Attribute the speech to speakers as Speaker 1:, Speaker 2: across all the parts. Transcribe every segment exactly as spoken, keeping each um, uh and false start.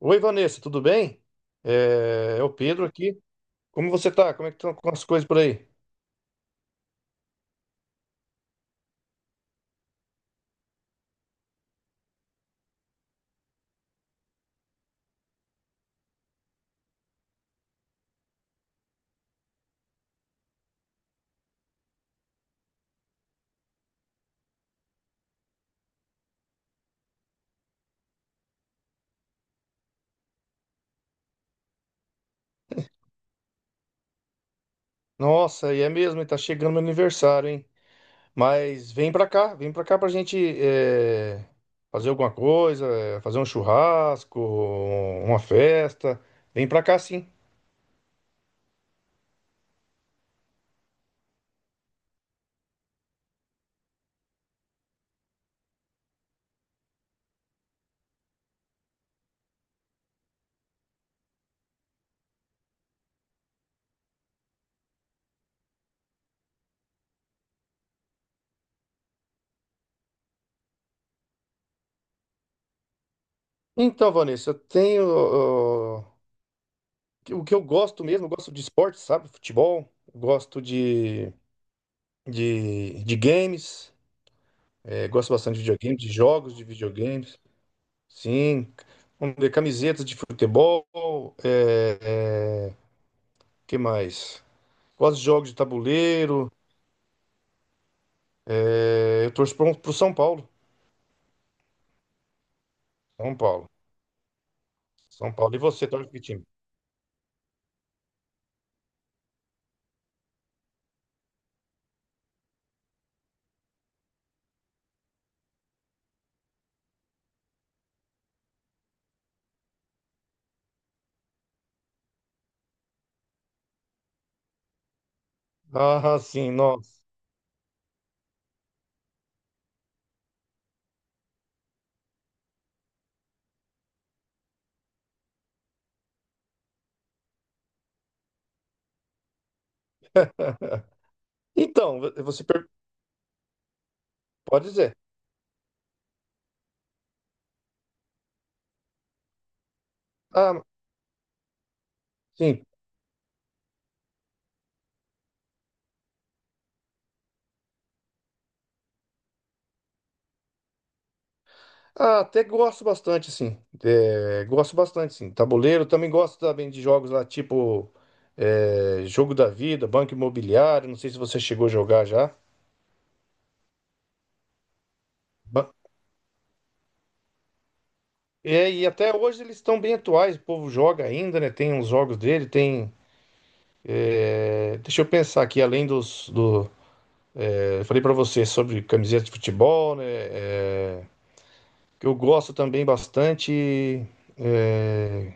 Speaker 1: Oi, Vanessa, tudo bem? É, é o Pedro aqui. Como você tá? Como é que estão as coisas por aí? Nossa, e é mesmo, e tá chegando meu aniversário, hein? Mas vem pra cá, vem pra cá pra gente é, fazer alguma coisa, é, fazer um churrasco, uma festa. Vem pra cá, sim. Então, Vanessa, eu tenho. Ó, o que eu gosto mesmo, eu gosto de esporte, sabe? Futebol, gosto de, de, de games, é, gosto bastante de videogames, de jogos de videogames. Sim, vamos ver, camisetas de futebol, é, é, que mais? Gosto de jogos de tabuleiro, é, eu torço pro, pro São Paulo, São Paulo, São Paulo. E você, torce que time? Ah, sim, nossa. Então, vo- você per- pode dizer. Ah, sim. Ah, até gosto bastante, sim. É, gosto bastante, sim. Tabuleiro, também gosto também de jogos lá, tipo é, Jogo da Vida, Banco Imobiliário, não sei se você chegou a jogar já. É, e até hoje eles estão bem atuais, o povo joga ainda, né? Tem uns jogos dele, tem. é, deixa eu pensar aqui, além dos. Do, é, eu falei pra você sobre camiseta de futebol, né? é, que eu gosto também bastante. é,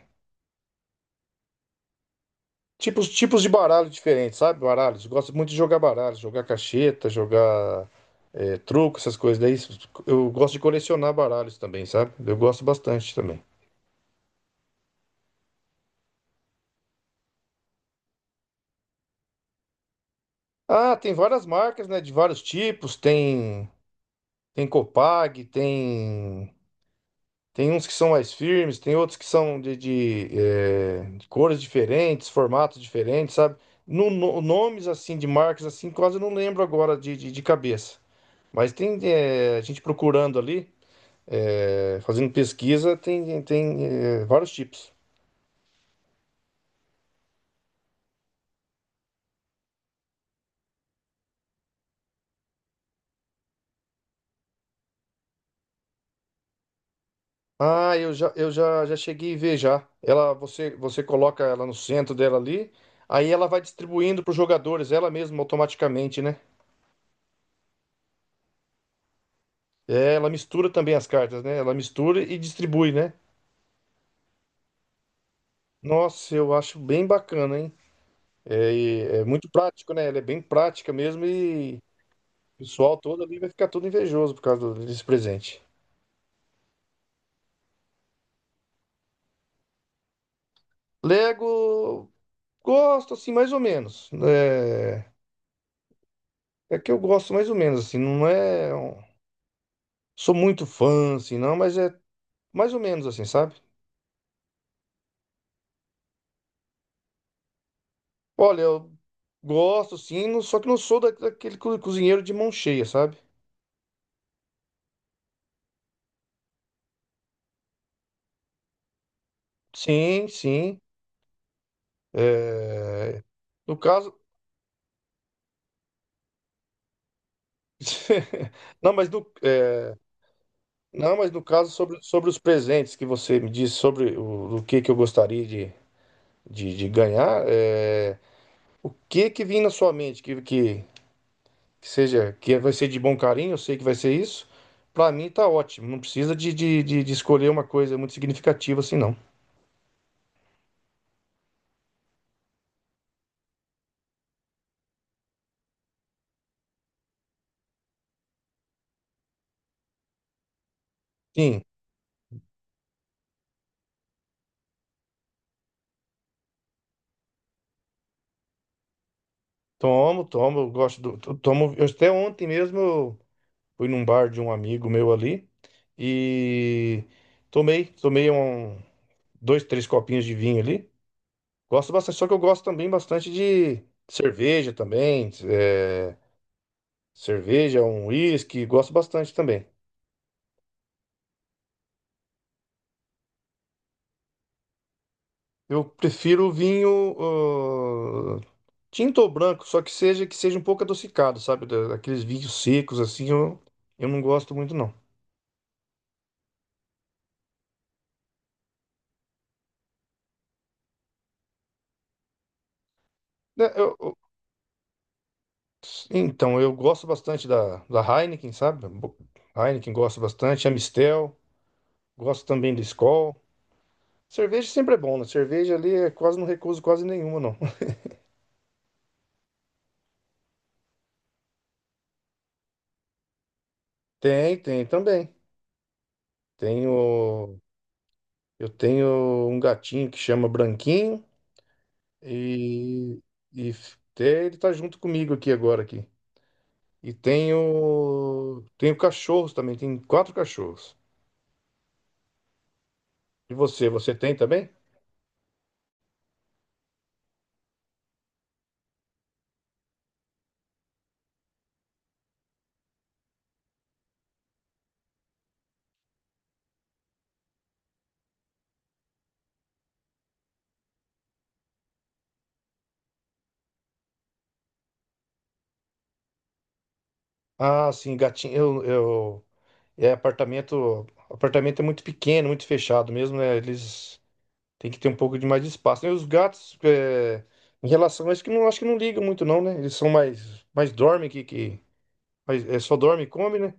Speaker 1: tipos, tipos de baralho diferentes, sabe? Baralhos. Eu gosto muito de jogar baralho, jogar cacheta, jogar é, truco, essas coisas. Daí eu gosto de colecionar baralhos também, sabe? Eu gosto bastante também. Ah, tem várias marcas, né? De vários tipos, tem. Tem Copag, tem tem uns que são mais firmes, tem outros que são de, de, eh, de cores diferentes, formatos diferentes, sabe? No, no- nomes assim de marcas assim, quase eu não lembro agora de, de, de cabeça. Mas tem eh, a gente procurando ali, eh, fazendo pesquisa, tem, tem eh, vários tipos. Ah, eu já, eu já, já cheguei a ver já. Ela, você, você coloca ela no centro dela ali, aí ela vai distribuindo para os jogadores, ela mesma automaticamente, né? É, ela mistura também as cartas, né? Ela mistura e distribui, né? Nossa, eu acho bem bacana, hein? É, e é muito prático, né? Ela é bem prática mesmo e o pessoal todo ali vai ficar todo invejoso por causa do- desse presente. Lego, gosto assim, mais ou menos. É, é que eu gosto mais ou menos, assim, não é. um- Sou muito fã, assim, não, mas é mais ou menos assim, sabe? Olha, eu gosto, sim, não- só que não sou da- daquele co- cozinheiro de mão cheia, sabe? Sim, sim. É, no caso, Não, mas no, é, não, mas no caso sobre, sobre os presentes que você me disse sobre o, o que que eu gostaria de, de, de ganhar, é, o que que vem na sua mente que, que, que seja que vai ser de bom carinho, eu sei que vai ser isso. Pra mim tá ótimo, não precisa de, de, de, de escolher uma coisa muito significativa assim não. Sim, tomo, tomo, eu gosto do to- tomo. Eu, até ontem mesmo eu fui num bar de um amigo meu ali e tomei, tomei um dois, três copinhos de vinho ali. Gosto bastante, só que eu gosto também bastante de cerveja também. é, cerveja, um uísque, gosto bastante também. Eu prefiro vinho ah, tinto ou branco, só que seja que seja um pouco adocicado, sabe? Da- Daqueles vinhos secos assim, eu, eu não gosto muito não. Né, eu- eu- então, eu gosto bastante da, da Heineken, sabe? Bo- Heineken gosto bastante, Amstel, gosto também do Skol. Cerveja sempre é bom, né? Cerveja ali, é quase não recuso quase nenhuma, não. Tem, tem também. Tenho, eu tenho um gatinho que chama Branquinho e, e f- até ele tá junto comigo aqui agora aqui. E tenho, tenho cachorros também, tenho quatro cachorros. E você, você tem também? Ah, sim, gatinho, eu, eu é apartamento, apartamento é muito pequeno, muito fechado mesmo, né? Eles têm que ter um pouco de mais de espaço, né? E os gatos, é, em relação a isso, que não acho que não ligam muito não, né? Eles são mais mais dormem que que mas é só dorme e come, né?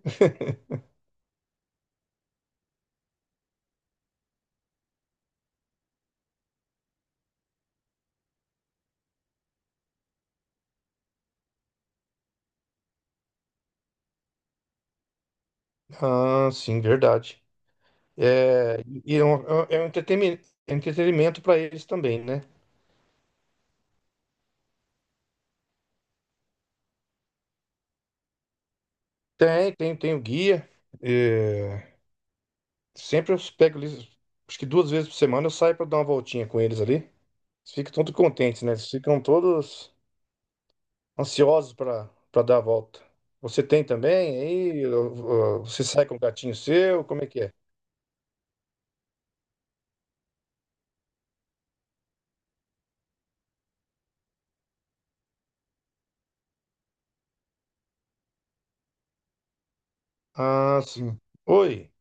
Speaker 1: Ah, sim, verdade. É, e é um, é é um entretemi- entretenimento para eles também, né? Tem, tem, tem o guia. é, sempre eu pego eles, acho que duas vezes por semana eu saio para dar uma voltinha com eles ali. Eles ficam todos contentes, né? Eles ficam todos ansiosos para para dar a volta. Você tem também? Aí ó, ó, você sai com o gatinho seu? Como é que é? Ah, sim. Oi.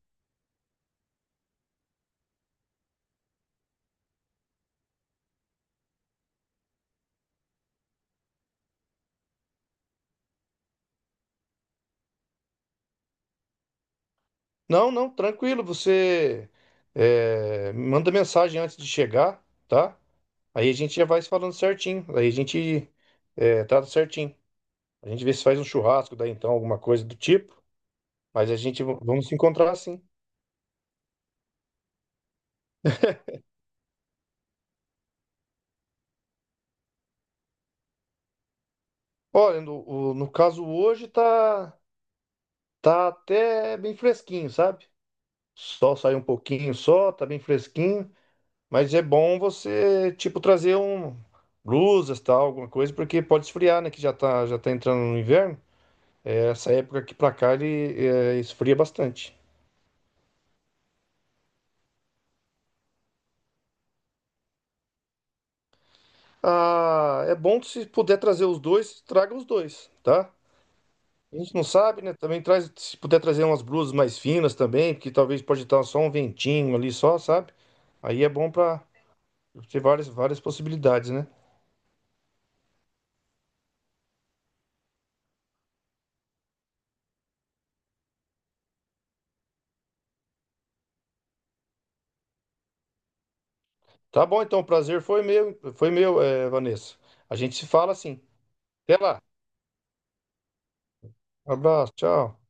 Speaker 1: Não, não, tranquilo. Você é, me manda mensagem antes de chegar, tá? Aí a gente já vai se falando certinho. Aí a gente é, trata certinho. A gente vê se faz um churrasco, daí então, alguma coisa do tipo. Mas a gente v- vamos se encontrar assim. Olha, no, o- no caso hoje tá, tá até bem fresquinho, sabe? Sol saiu um pouquinho só, tá bem fresquinho. Mas é bom você, tipo, trazer um blusas, tal, alguma coisa, porque pode esfriar, né? Que já tá, já tá entrando no inverno. É, essa época aqui pra cá ele é, esfria bastante. Ah, é bom que se puder trazer os dois, traga os dois, tá? A gente não sabe, né? Também traz, se puder trazer umas blusas mais finas também, porque talvez pode estar só um ventinho ali só, sabe? Aí é bom pra ter várias, várias possibilidades, né? Tá bom, então, o prazer foi meu, foi meu, é, Vanessa. A gente se fala assim. Até lá. Um abraço, tchau.